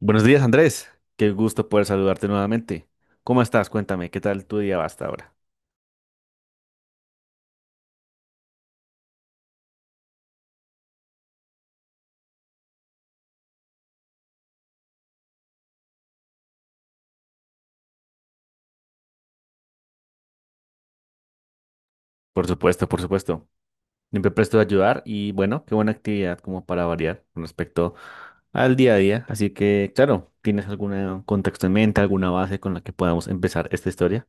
Buenos días, Andrés. Qué gusto poder saludarte nuevamente. ¿Cómo estás? Cuéntame, ¿qué tal tu día va hasta ahora? Por supuesto, por supuesto. Siempre presto a ayudar y bueno, qué buena actividad como para variar con respecto al día a día. Así que, claro, ¿tienes algún contexto en mente, alguna base con la que podamos empezar esta historia?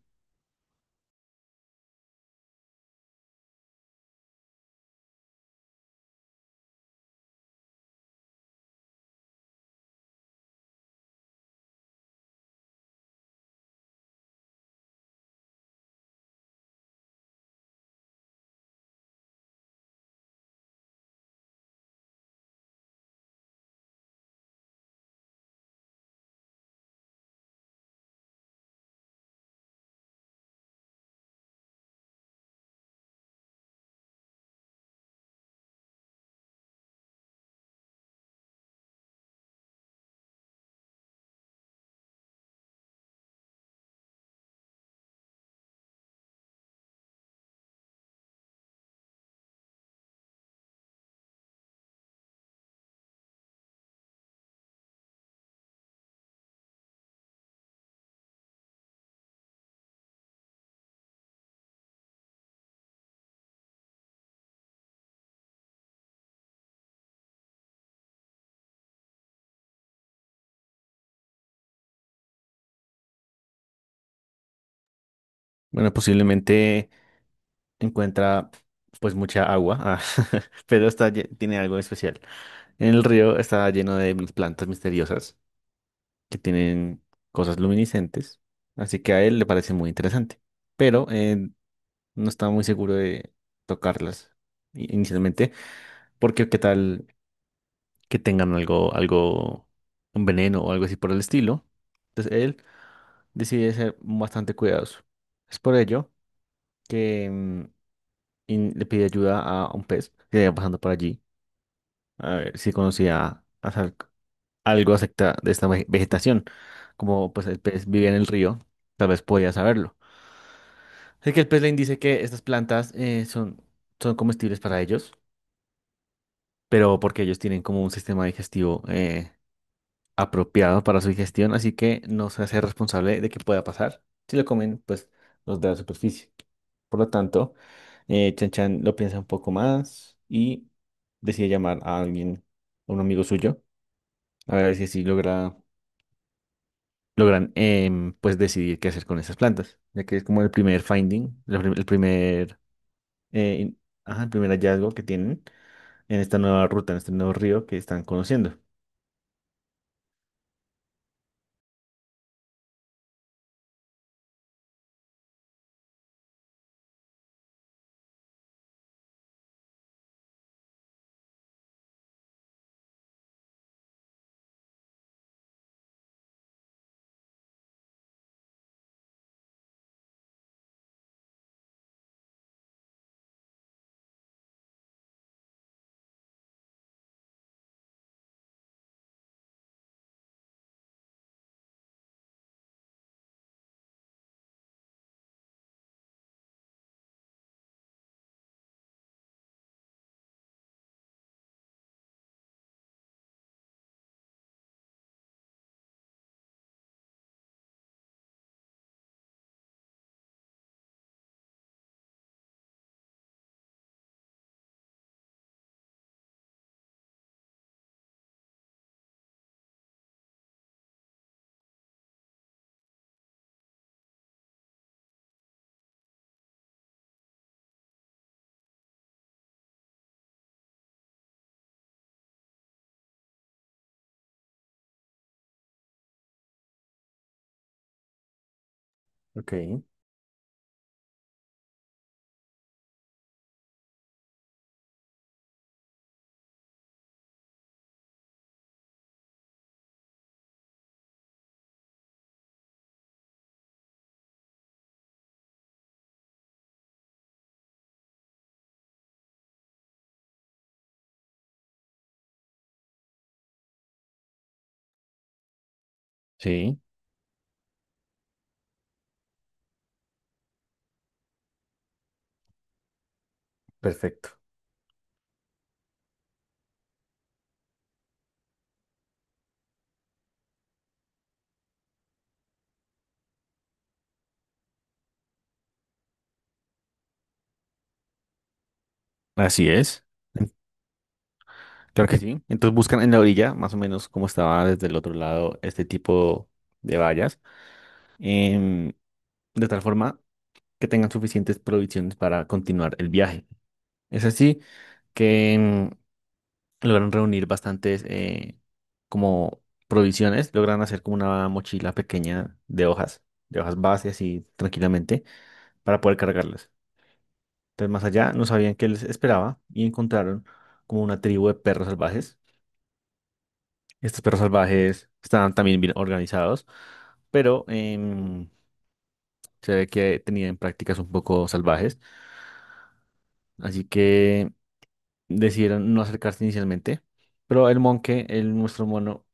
Bueno, posiblemente encuentra pues mucha agua, ah, pero está, tiene algo especial. El río está lleno de plantas misteriosas que tienen cosas luminiscentes, así que a él le parece muy interesante, pero no estaba muy seguro de tocarlas inicialmente, porque qué tal que tengan algo, algo, un veneno o algo así por el estilo. Entonces él decide ser bastante cuidadoso. Es por ello que le pide ayuda a un pez que iba pasando por allí, a ver si conocía algo acerca de esta vegetación. Como pues el pez vivía en el río, tal vez podía saberlo. Heckel Pestlein dice que estas plantas son comestibles para ellos, pero porque ellos tienen como un sistema digestivo apropiado para su digestión, así que no se hace responsable de que pueda pasar. Si lo comen, pues los de la superficie. Por lo tanto, Chan Chan lo piensa un poco más y decide llamar a alguien, a un amigo suyo, a ver si así logran pues decidir qué hacer con esas plantas, ya que es como el primer finding, el el primer ajá, el primer hallazgo que tienen en esta nueva ruta, en este nuevo río que están conociendo. Ok. Sí, perfecto. Así es. En- Claro que sí. Entonces buscan en la orilla, más o menos como estaba desde el otro lado, este tipo de vallas, em, de tal forma que tengan suficientes provisiones para continuar el viaje. Es así que logran reunir bastantes como provisiones, logran hacer como una mochila pequeña de hojas base, así tranquilamente para poder cargarlas. Entonces, más allá, no sabían qué les esperaba y encontraron como una tribu de perros salvajes. Estos perros salvajes estaban también bien organizados, pero se ve que tenían prácticas un poco salvajes. Así que decidieron no acercarse inicialmente. Pero el monje, el nuestro mono,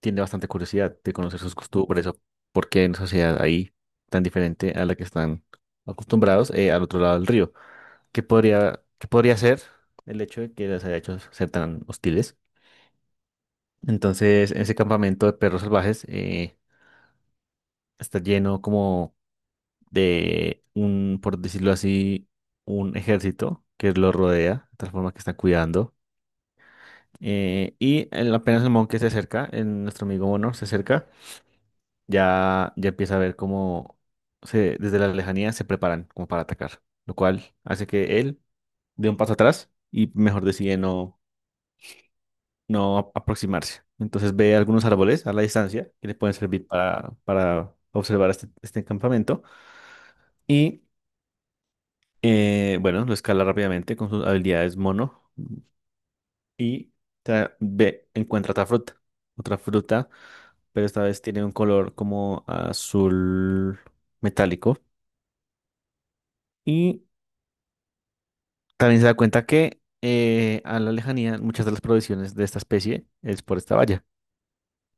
tiene bastante curiosidad de conocer sus costumbres o por qué en sociedad ahí tan diferente a la que están acostumbrados al otro lado del río. Que que podría ser el hecho de que las haya hecho ser tan hostiles. Entonces, ese campamento de perros salvajes está lleno como de un, por decirlo así, un ejército que los rodea, de tal forma que está cuidando. Apenas el monje se acerca, nuestro amigo Mono se acerca, ya empieza a ver cómo desde la lejanía se preparan como para atacar, lo cual hace que él dé un paso atrás y mejor decide no. Aproximarse. Entonces ve algunos árboles a la distancia que le pueden servir para observar este, este campamento. Y bueno, lo escala rápidamente con sus habilidades mono y encuentra otra fruta. Otra fruta, pero esta vez tiene un color como azul metálico. Y también se da cuenta que a la lejanía muchas de las provisiones de esta especie es por esta valla,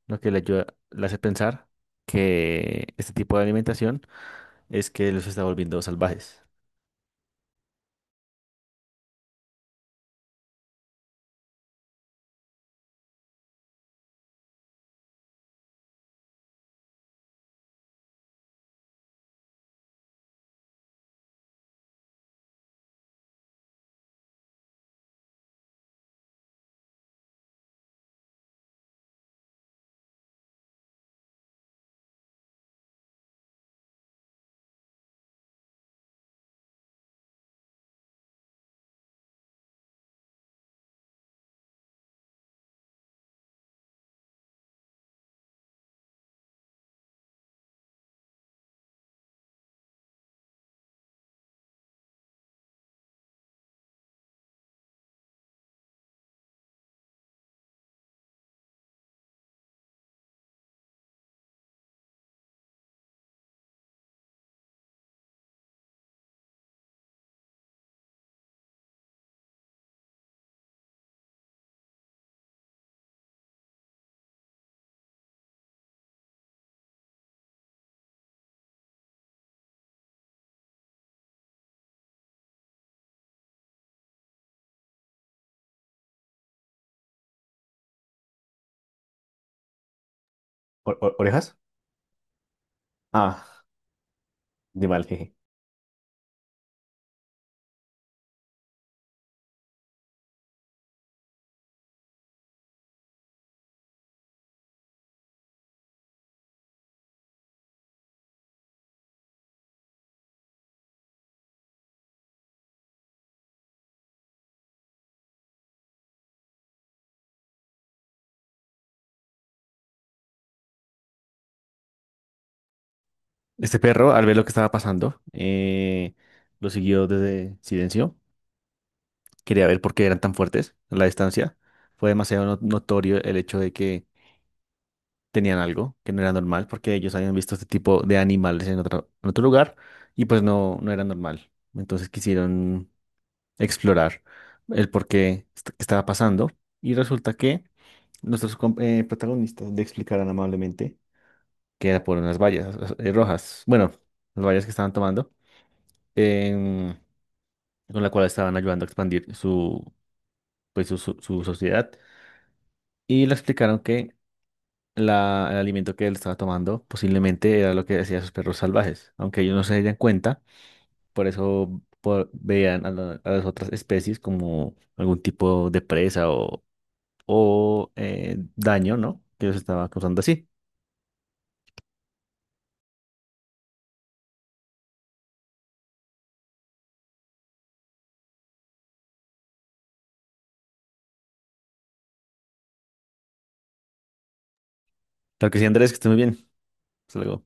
lo que le ayuda, le hace pensar que este tipo de alimentación es que los está volviendo salvajes. ¿Orejas? Ah, de mal, jeje. Este perro, al ver lo que estaba pasando, lo siguió desde silencio. Quería ver por qué eran tan fuertes a la distancia. Fue demasiado notorio el hecho de que tenían algo que no era normal, porque ellos habían visto este tipo de animales en otro lugar y pues no, no era normal. Entonces quisieron explorar el por qué que estaba pasando y resulta que nuestros protagonistas le explicaron amablemente que era por unas vallas rojas, bueno, las vallas que estaban tomando, em, con la cual estaban ayudando a expandir su, pues, su sociedad. Y le explicaron que el alimento que él estaba tomando posiblemente era lo que decían sus perros salvajes, aunque ellos no se dieran cuenta, por eso veían a, a las otras especies como algún tipo de presa o daño, ¿no? Que los estaba causando así. Claro que sí, Andrés, que esté muy bien. Hasta luego.